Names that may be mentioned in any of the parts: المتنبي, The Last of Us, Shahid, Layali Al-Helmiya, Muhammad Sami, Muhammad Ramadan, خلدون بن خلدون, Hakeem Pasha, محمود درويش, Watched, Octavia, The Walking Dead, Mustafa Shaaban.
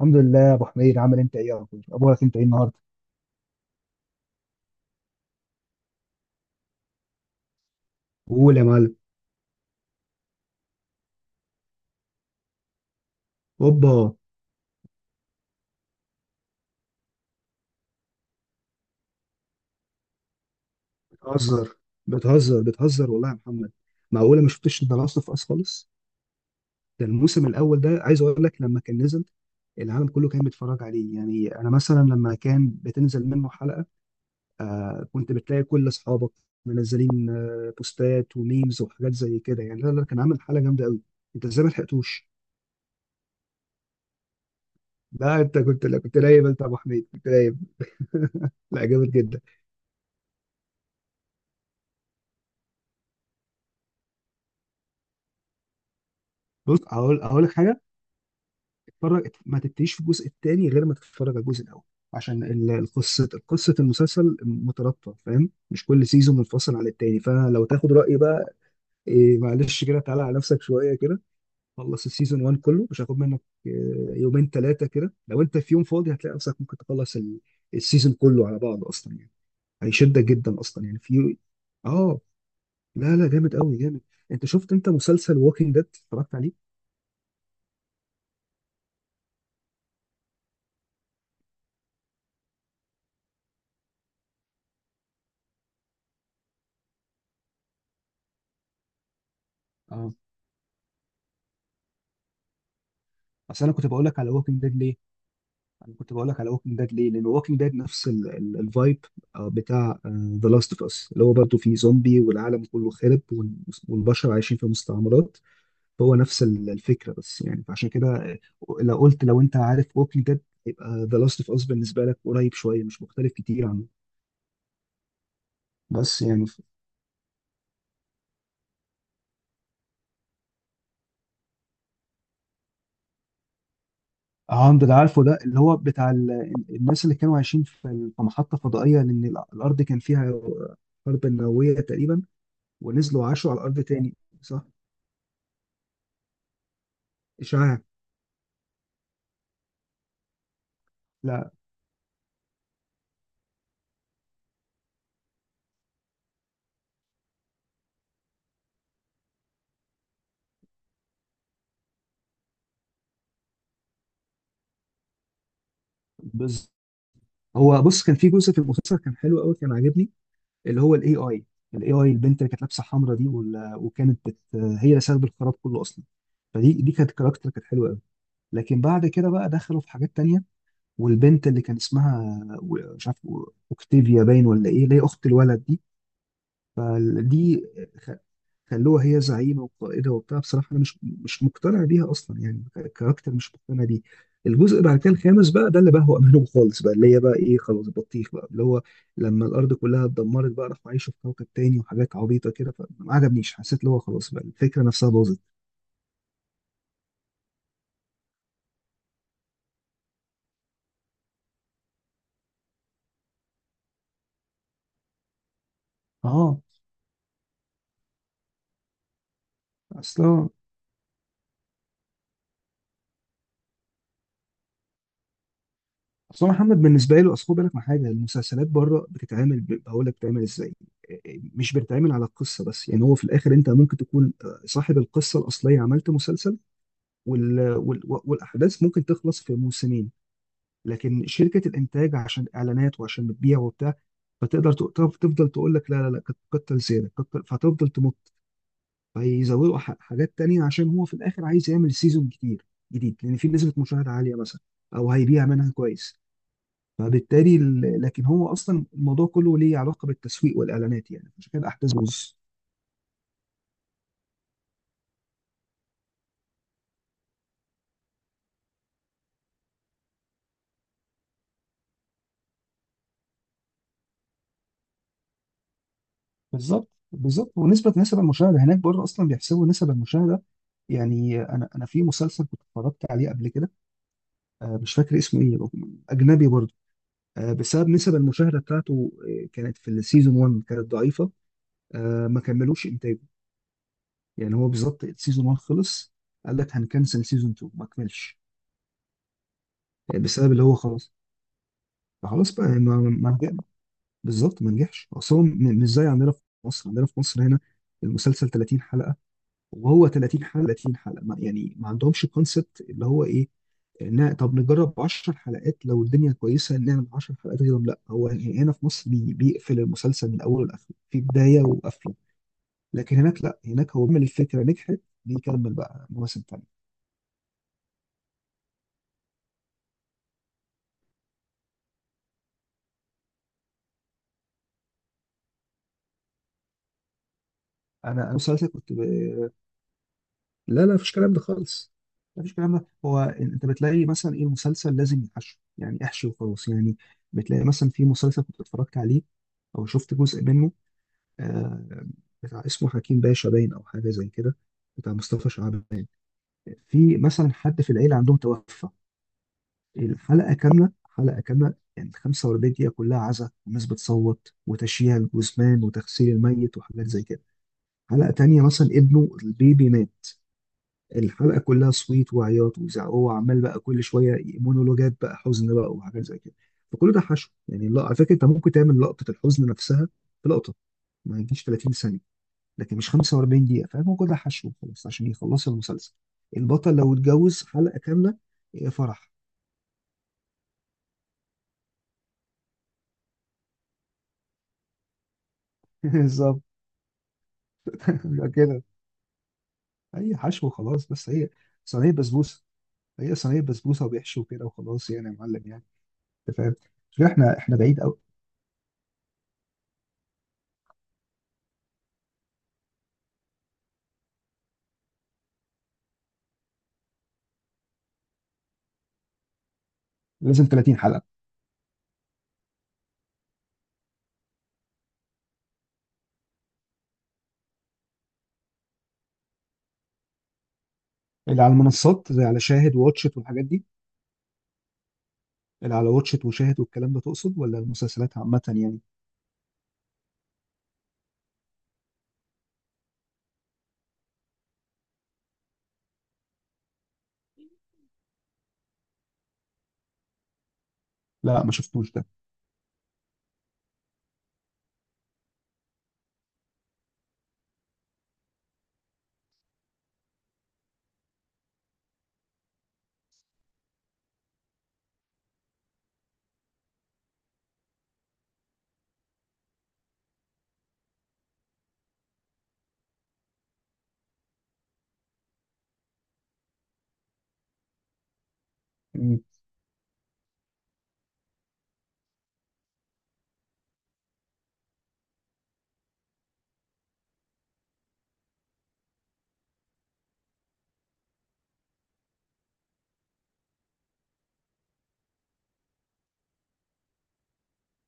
الحمد لله يا ابو حميد، عامل انت ايه يا رب؟ اخبارك انت ايه النهارده؟ قول يا معلم. اوبا. بتهزر بتهزر بتهزر والله يا محمد. معقوله ما شفتش ذا لاست اوف اس خالص؟ ده الموسم الاول، ده عايز اقول لك، لما كان نزل العالم كله كان بيتفرج عليه. يعني انا مثلا لما كان بتنزل منه حلقه، كنت بتلاقي كل اصحابك منزلين، بوستات وميمز وحاجات زي كده. يعني لا لا، كان عامل حلقه جامده قوي. انت ازاي ما لحقتوش؟ لا انت كنت، لا كنت نايم، انت يا ابو حميد كنت نايم. لا جامد جدا. بص، هقول لك حاجه. اتفرج، ما تبتديش في الجزء الثاني غير ما تتفرج على الجزء الاول. عشان القصه، قصه المسلسل مترابطه، فاهم؟ مش كل سيزون منفصل عن التاني. فلو تاخد رايي بقى، إيه معلش كده، تعالى على نفسك شويه كده. خلص السيزون 1 كله، مش هاخد منك إيه، يومين ثلاثه كده. لو انت في يوم فاضي هتلاقي نفسك ممكن تخلص السيزون كله على بعض اصلا، يعني هيشدك جدا اصلا، يعني في. اه لا لا، جامد قوي جامد. انت شفت انت مسلسل ووكينج ديد، اتفرجت عليه؟ اه. اصل انا كنت بقول لك على ووكينج ديد. انا كنت بقول لك على ووكينج ديد ليه؟ لان ووكينج ديد نفس الفايب بتاع ذا لاست اوف اس، اللي هو برضه فيه زومبي والعالم كله خرب والبشر عايشين في مستعمرات. هو نفس الفكره، بس يعني فعشان كده. لو قلت، لو انت عارف ووكينج ديد يبقى ذا لاست اوف اس بالنسبه لك قريب شويه، مش مختلف كتير عنه. بس يعني عند اللي عارفه، ده اللي هو بتاع الناس اللي كانوا عايشين في في محطه فضائيه، لان الارض كان فيها حرب نوويه تقريبا. ونزلوا عاشوا على الارض تاني. صح. اشعاع. لا. بز... هو بص، كان في جزء في المسلسل كان حلو قوي، كان عاجبني، اللي هو الاي اي. الاي اي البنت اللي كانت لابسه حمرا دي، هي اللي سبب الخراب كله اصلا. فدي كانت كاركتر كانت حلوه قوي. لكن بعد كده بقى دخلوا في حاجات تانية. والبنت اللي كان اسمها، مش عارف، اوكتيفيا باين ولا ايه، اللي هي اخت الولد دي. فدي خ- خلوها هي زعيمه وقائده وبتاع. بصراحه انا مش مقتنع بيها اصلا، يعني كاركتر مش مقتنع بيه. الجزء بعد كده الخامس بقى، ده اللي بهوأ منهم خالص بقى، اللي هي بقى ايه، خلاص بطيخ بقى، اللي هو لما الارض كلها اتدمرت بقى راحوا عايشوا في كوكب تاني وحاجات عبيطه كده. فما عجبنيش، حسيت اللي هو خلاص بقى الفكره نفسها باظت. اه اصلا. اصل هو محمد بالنسبه له، اصل خد بالك من حاجه. المسلسلات بره بتتعمل، بقول لك بتتعمل ازاي. مش بتتعمل على القصه بس. يعني هو في الاخر انت ممكن تكون صاحب القصه الاصليه، عملت مسلسل، والاحداث ممكن تخلص في موسمين، لكن شركه الانتاج عشان اعلانات وعشان بتبيع وبتاع، فتقدر تفضل تقول لك لا لا لا، كتر زياده كتر، فهتفضل تمط. فيزودوا حاجات تانية عشان هو في الاخر عايز يعمل سيزون كتير جديد، لان في نسبه مشاهده عاليه مثلا، او هيبيع منها كويس. فبالتالي لكن هو اصلا الموضوع كله ليه علاقه بالتسويق والاعلانات، يعني عشان كده الاحداث بتبوظ. بالظبط بالظبط. ونسبه نسب المشاهده هناك بره اصلا بيحسبوا نسب المشاهده. يعني انا في مسلسل كنت اتفرجت عليه قبل كده، مش فاكر اسمه ايه، اجنبي برضه. بسبب نسب المشاهده بتاعته، كانت في السيزون 1 كانت ضعيفه، ما كملوش انتاجه. يعني هو بالظبط السيزون 1 خلص، قال لك هنكنسل. سيزون 2 ما كملش، بسبب اللي هو خلاص. فخلاص بقى بالظبط ما نجحش اصلا، مش زي عندنا في مصر هنا المسلسل 30 حلقه، وهو 30 حلقه 30 حلقه، ما يعني ما عندهمش كونسبت اللي هو ايه. طب نجرب 10 حلقات، لو الدنيا كويسه نعمل 10 حلقات غيرهم. لا، هو يعني هنا في مصر بيقفل المسلسل من اوله لاخره في بدايه وقفله. لكن هناك لا، هناك هو بيعمل، الفكره نجحت بيكمل بقى مواسم تانيه. انا مسلسل كنت لا لا مفيش كلام ده خالص. مفيش كلام ده. هو انت بتلاقي مثلا ايه، المسلسل لازم يحشو، يعني احشي وخلاص يعني. بتلاقي مثلا في مسلسل كنت اتفرجت عليه او شفت جزء منه، آه بتاع اسمه حكيم باشا باين، او حاجه زي كده، بتاع مصطفى شعبان. في مثلا حد في العيله عندهم توفى، الحلقه كامله، حلقه كامله، يعني 45 دقيقه كلها عزا والناس بتصوت وتشييع الجثمان وتغسيل الميت وحاجات زي كده. حلقه تانيه مثلا ابنه البيبي مات، الحلقه كلها صويت وعياط وزعق، هو عمال بقى كل شويه مونولوجات بقى، حزن بقى وحاجات زي كده. فكل ده حشو، يعني لا على فكره انت ممكن تعمل لقطه الحزن نفسها في لقطه ما يجيش 30 ثانيه، لكن مش 45 دقيقه، فاهم؟ هو كل ده حشو خلاص عشان يخلص المسلسل. البطل لو اتجوز حلقه كامله. إيه فرح. بالظبط. يبقى كده. اي حشو خلاص، بس هي صينيه بسبوسه. هي صينيه بسبوسه وبيحشو كده وخلاص، يعني يا معلم، يعني انت فاهم، مش كده، احنا بعيد قوي. لازم 30 حلقه. اللي على المنصات زي على شاهد وواتشت والحاجات دي. اللي على واتشت وشاهد والكلام ده تقصد، ولا المسلسلات عامة يعني؟ لا ما شفتوش ده. مم.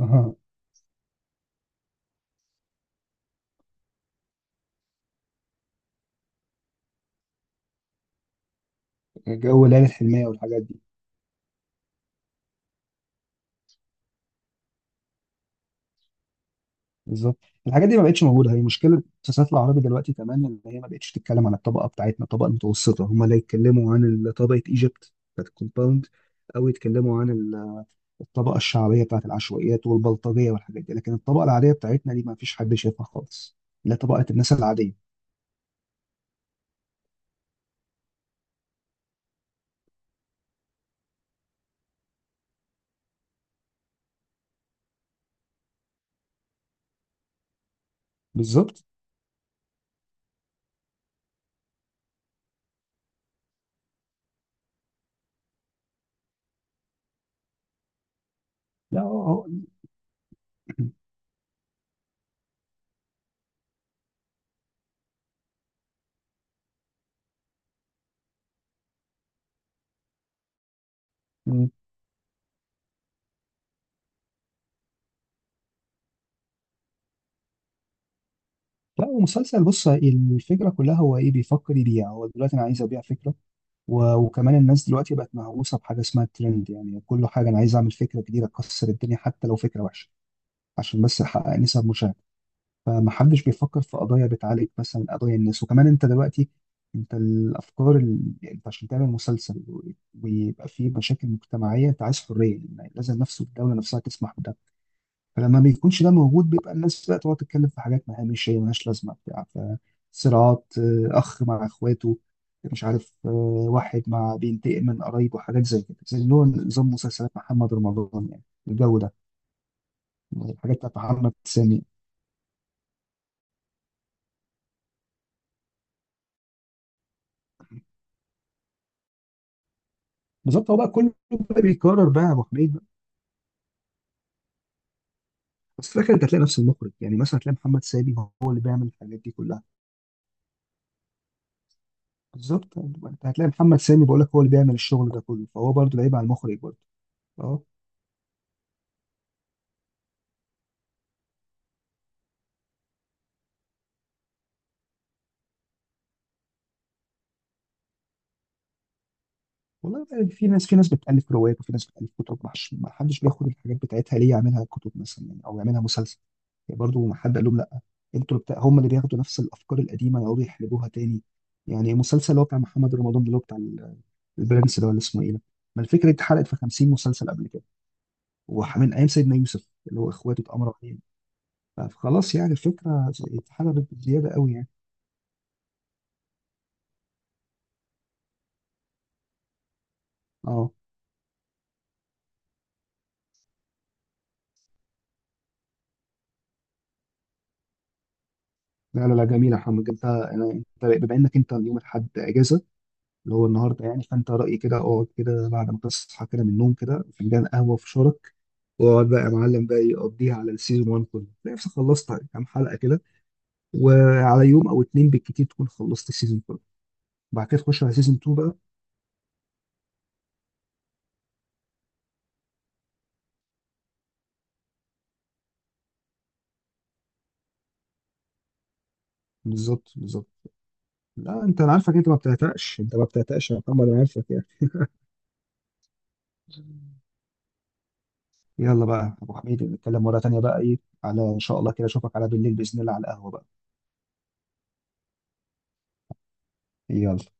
اها. جو ليالي الحلمية والحاجات دي. بالظبط. الحاجات دي ما بقتش موجودة، هي مشكلة المسلسلات العربي دلوقتي، كمان ان هي ما بقتش تتكلم عن الطبقة بتاعتنا، الطبقة المتوسطة. هم لا، يتكلموا عن طبقة ايجيبت بتاعت الكومباوند، او يتكلموا عن الطبقة الشعبية بتاعت العشوائيات والبلطجية والحاجات دي، لكن الطبقة العادية بتاعتنا دي ما فيش حد شايفها خالص. لا، طبقة الناس العادية. بالظبط. لا اه. آه. لا ومسلسل، بص الفكره كلها، هو ايه بيفكر يبيع. هو دلوقتي انا عايز ابيع فكره، وكمان الناس دلوقتي بقت مهووسه بحاجه اسمها الترند، يعني كل حاجه انا عايز اعمل فكره جديده تكسر الدنيا حتى لو فكره وحشه، عشان بس احقق نسب مشاهده. فمحدش بيفكر في قضايا بتعالج مثلا قضايا الناس. وكمان انت دلوقتي، انت الافكار. يعني انت عشان تعمل مسلسل ويبقى فيه مشاكل مجتمعيه، انت عايز حريه، يعني لازم نفسه الدوله نفسها تسمح بده. فلما ما بيكونش ده موجود، بيبقى الناس بقى تقعد تتكلم في حاجات ما، مش هي ملهاش لازمه بتاع، فصراعات. اخ مع اخواته، مش عارف، واحد بينتقم من قرايبه، حاجات زي كده، زي اللي هو نظام مسلسلات محمد رمضان يعني، الجو ده، الحاجات بتاعت محمد سامي. بالظبط. هو بقى كله بقى بيكرر بقى يا ابو حميد بقى، بس في الاخر انت هتلاقي نفس المخرج، يعني مثلا هتلاقي محمد سامي هو اللي بيعمل الحاجات دي كلها. بالظبط، انت هتلاقي محمد سامي، بقول لك هو اللي بيعمل الشغل ده كله، فهو برضه لعيب على المخرج برضه. أه؟ والله بقى، في ناس بتألف روايات، وفي ناس بتألف كتب، ما حدش بياخد الحاجات بتاعتها ليه، يعملها كتب مثلا يعني، او يعملها مسلسل. يعني برضه ما حد قال لهم لا، انتوا اللي بتاع، هم اللي بياخدوا نفس الافكار القديمه يقعدوا يحلبوها تاني. يعني المسلسل اللي هو بتاع محمد رمضان ده، اللي هو بتاع البرنس ده ولا اسمه ايه ده، ما الفكره دي اتحرقت في 50 مسلسل قبل كده، ومن ايام سيدنا يوسف اللي هو اخواته اتأمروا عليه. فخلاص يعني الفكره اتحلبت بزياده قوي يعني. اه. لا لا لا، جميله يا محمد. انت انت بما انك انت اليوم الاحد اجازه، اللي هو النهارده يعني، فانت رايي كده اقعد كده بعد ما تصحى كده من النوم كده فنجان قهوه في شارك، واقعد بقى يا معلم بقى، يقضيها على السيزون 1 كله، تلاقي نفسك خلصت كام حلقه كده، وعلى يوم او اتنين بالكتير تكون خلصت السيزون كله، وبعد كده تخش على سيزون 2 بقى. بالظبط بالظبط. لا انت، انا عارفك انت ما بتعتقش، انت ما بتعتقش يا محمد، انا عارفك يعني. يلا بقى يا ابو حميد، نتكلم مره تانيه بقى ايه، على ان شاء الله كده اشوفك على بالليل باذن الله على القهوه بقى. يلا.